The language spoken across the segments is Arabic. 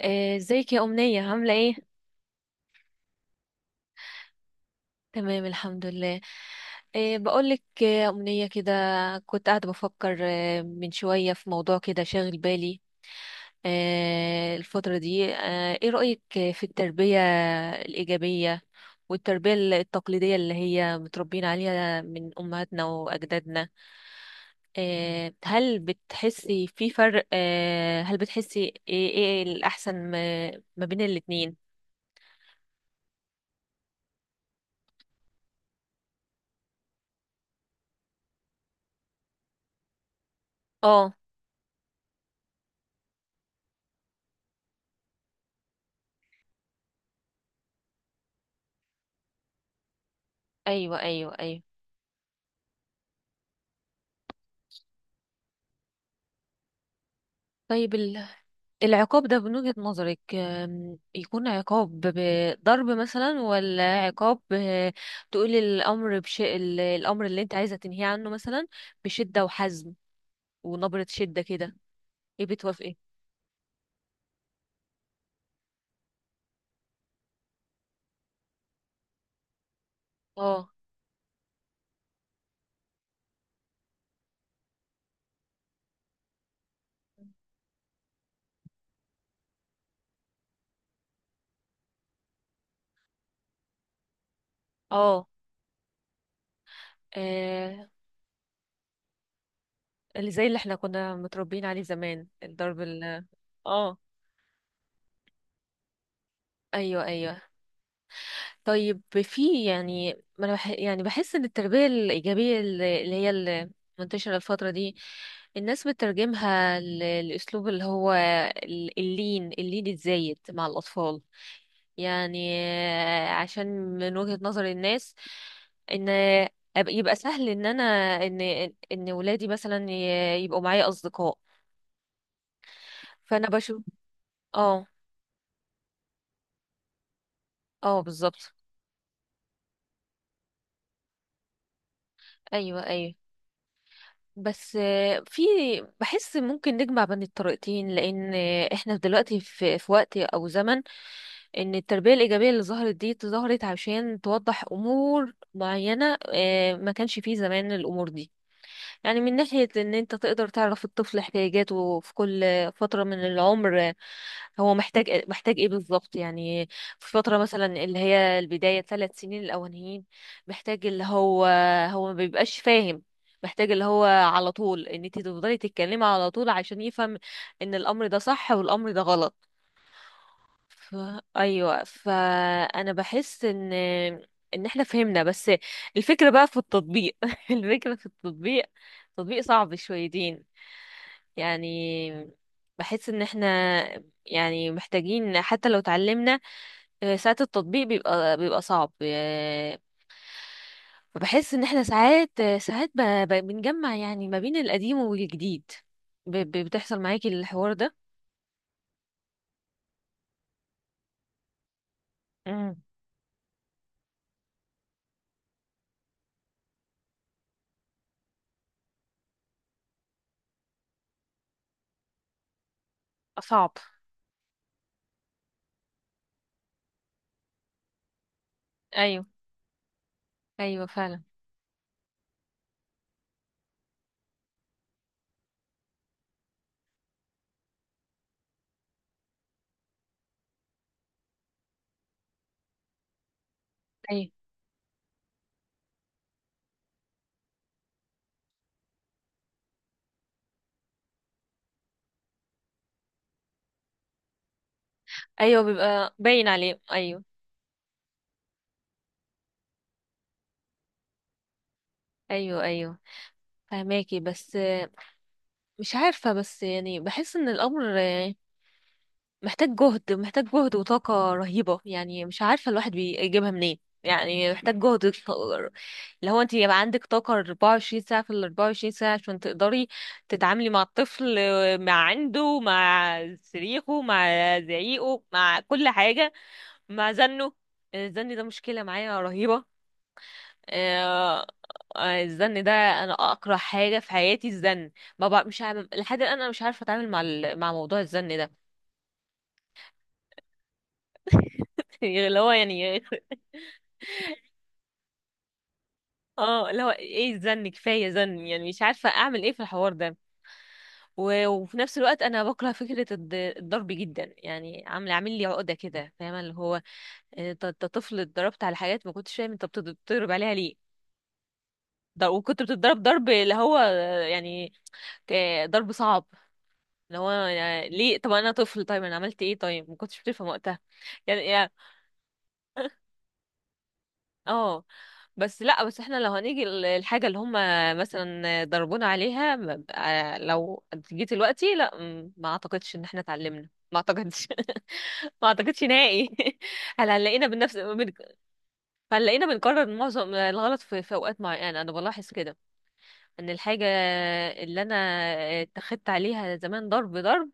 ازيك يا أمنية عاملة ايه؟ تمام الحمد لله. بقولك، يا أمنية، كده كنت قاعدة بفكر من شوية في موضوع كده شاغل بالي الفترة دي. ايه رأيك في التربية الإيجابية والتربية التقليدية اللي هي متربيين عليها من أمهاتنا وأجدادنا؟ هل بتحسي في فرق؟ هل بتحسي ايه الأحسن ما بين الاتنين؟ اه. ايوه، ايوه، ايوه. طيب، العقاب ده من وجهة نظرك يكون عقاب بضرب مثلا، ولا عقاب تقولي الأمر الأمر اللي انت عايزة تنهيه عنه مثلا بشدة وحزم ونبرة شدة كده، ايه، بتوافقي؟ اه. اه. آه، اللي زي اللي احنا كنا متربيين عليه زمان، الضرب ال... اه، ايوه، ايوه. طيب، في يعني، ما انا بح يعني بحس ان التربية الإيجابية اللي هي المنتشرة الفترة دي، الناس بتترجمها لأسلوب اللي هو اللين الزايد مع الأطفال، يعني عشان من وجهة نظر الناس ان يبقى سهل ان انا، ان ان ولادي مثلا يبقوا معايا اصدقاء، فانا بشوف. اه. اه، بالظبط. ايوه، ايوه. بس في، بحس ممكن نجمع بين الطريقتين، لان احنا دلوقتي في وقت او زمن ان التربية الإيجابية اللي ظهرت دي ظهرت عشان توضح امور معينة ما كانش فيه زمان الامور دي، يعني من ناحية ان انت تقدر تعرف الطفل احتياجاته في كل فترة من العمر، هو محتاج إيه، محتاج ايه بالظبط، يعني في فترة مثلا اللي هي البداية ثلاث سنين الأولانيين، محتاج اللي هو، هو ما بيبقاش فاهم، محتاج اللي هو على طول ان انت تفضلي تتكلمي على طول عشان يفهم ان الامر ده صح والامر ده غلط. ف... ايوه، فانا بحس ان احنا فهمنا، بس الفكره بقى في التطبيق. الفكره في التطبيق، تطبيق صعب شويتين يعني. بحس ان احنا يعني محتاجين حتى لو اتعلمنا، ساعات التطبيق بيبقى صعب، فبحس ان احنا ساعات، ساعات بنجمع يعني ما بين القديم والجديد. بتحصل معاكي الحوار ده؟ امم صعب. ايوه، ايوه فعلا. ايوه، ايوه، بيبقى باين عليه، ايوه. ايوه، ايوه، فهماكي، بس مش عارفه، بس يعني بحس ان الامر محتاج جهد، محتاج جهد وطاقه رهيبه، يعني مش عارفه الواحد بيجيبها منين، يعني محتاج جهد. اللي هو انت يبقى عندك طاقه 24 ساعه في ال 24 ساعه عشان تقدري تتعاملي مع الطفل، مع عنده، مع صريخه، مع زعيقه، مع كل حاجه، مع زنه. يعني الزن ده مشكله معايا رهيبه. آه، الزن ده انا اكره حاجه في حياتي الزن، ما بقى مش عارف لحد الان انا مش عارفه اتعامل مع مع موضوع الزن ده. اللي هو يعني. اه، اللي هو ايه، الزن كفايه زن، يعني مش عارفه اعمل ايه في الحوار ده. وفي نفس الوقت انا بكره فكره الضرب جدا، يعني عامل عامل لي عقده كده، فاهمه؟ اللي هو انت، طفل، اتضربت على حاجات ما كنتش فاهم انت بتضرب عليها ليه، ده وكنت بتضرب ضرب اللي هو، يعني ضرب صعب، اللي هو يعني ليه؟ طب انا طفل، طيب انا عملت ايه؟ طيب ما كنتش بتفهم وقتها يعني اه. بس لا، بس احنا لو هنيجي الحاجة اللي هم مثلا ضربونا عليها لو جيت دلوقتي لا، ما اعتقدش ان احنا اتعلمنا، ما اعتقدش. ما اعتقدش نهائي. هل هنلاقينا بنفس هنلاقينا بنكرر معظم الغلط في اوقات معينة انا بلاحظ كده ان الحاجة اللي انا اتخذت عليها زمان ضرب ضرب،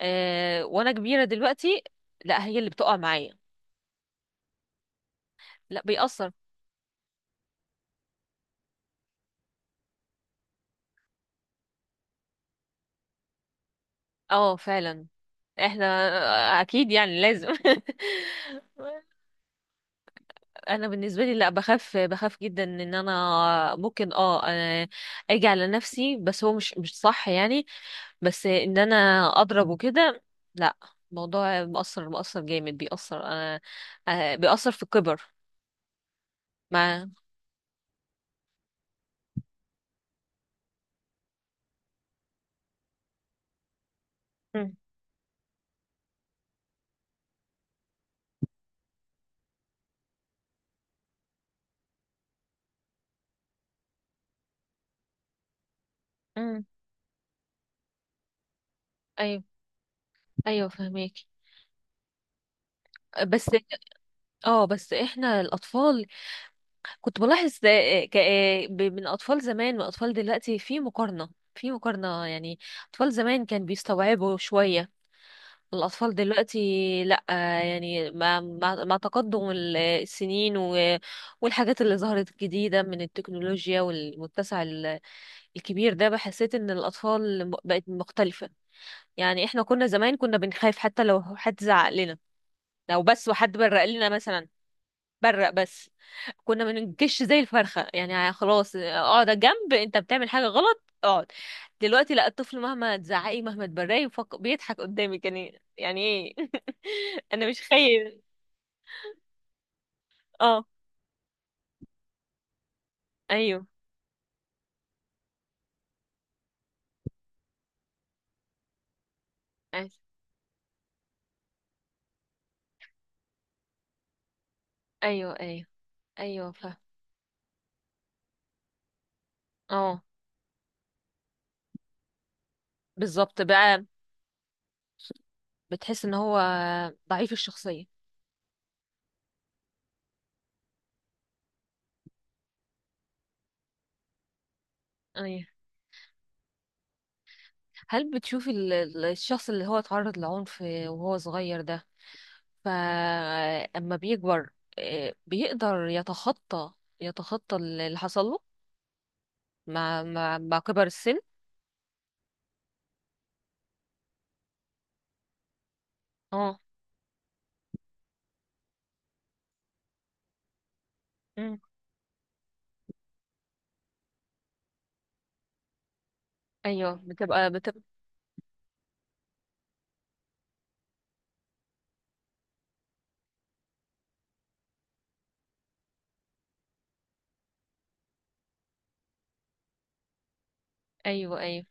وانا كبيرة دلوقتي، لا هي اللي بتقع معايا، لا بيأثر. اه فعلا، احنا اكيد يعني لازم. انا بالنسبه لي لا، بخاف بخاف جدا ان انا ممكن، اه اجي على نفسي، بس هو مش، مش صح يعني، بس ان انا اضرب وكده، لا. الموضوع مؤثر، مؤثر جامد، بيأثر انا، بيأثر في الكبر مع. مم. مم. ايوه، ايوه فهميك. بس اه، بس احنا الاطفال، كنت بلاحظ ده من اطفال زمان واطفال دلوقتي، في مقارنة، في مقارنة يعني. اطفال زمان كان بيستوعبوا شوية، الاطفال دلوقتي لا، يعني مع مع تقدم السنين والحاجات اللي ظهرت جديدة من التكنولوجيا والمتسع الكبير ده، بحسيت ان الاطفال بقت مختلفة. يعني احنا كنا زمان كنا بنخاف حتى لو حد زعق لنا، لو بس وحد برق لنا مثلا، برق بس، كنا بنجش زي الفرخة، يعني خلاص اقعد على جنب، انت بتعمل حاجة غلط، اقعد. دلوقتي لا، الطفل مهما تزعقي مهما تبرقي بيضحك قدامك، يعني يعني ايه؟ انا مش خايف. اه، ايوه، ايوه، ايوه، ايوه، ايوه. اه، بالظبط بقى. بتحس ان هو ضعيف الشخصية. ايوه. هل بتشوفي الشخص اللي هو اتعرض لعنف وهو صغير ده، فأما بيكبر بيقدر يتخطى، يتخطى اللي حصل له مع، مع كبر السن؟ اه. مم. ايوه، بتبقى. ايوه، ايوه.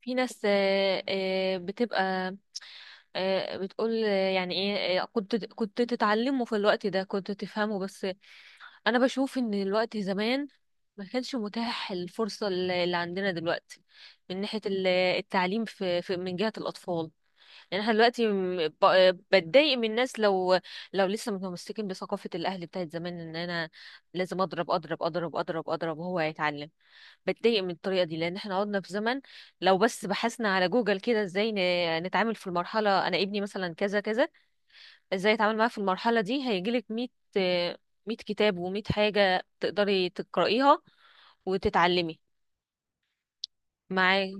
في ناس بتبقى بتقول يعني ايه، كنت تتعلمه في الوقت ده، كنت تفهمه، بس انا بشوف ان الوقت زمان ما كانش متاح الفرصة اللي عندنا دلوقتي من ناحية التعليم في من جهة الأطفال. يعني احنا دلوقتي بتضايق من الناس لو، لو لسه متمسكين بثقافة الأهل بتاعت زمان، إن أنا لازم أضرب أضرب أضرب أضرب أضرب وهو هيتعلم. بتضايق من الطريقة دي، لأن احنا قعدنا في زمن لو بس بحثنا على جوجل كده ازاي نتعامل في المرحلة، أنا ابني مثلا كذا كذا، ازاي أتعامل معاه في المرحلة دي، هيجيلك ميت ميت كتاب وميت حاجة تقدري تقرأيها وتتعلمي معاه.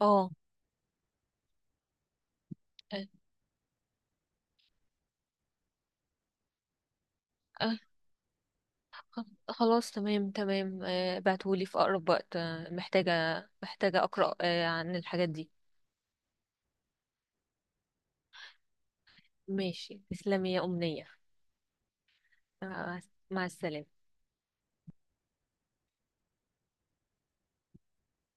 اه، خلاص، تمام، تمام. بعتهولي في أقرب وقت، محتاجة محتاجة أقرأ عن الحاجات دي. ماشي، تسلمي يا أمنية. آه، مع السلامة.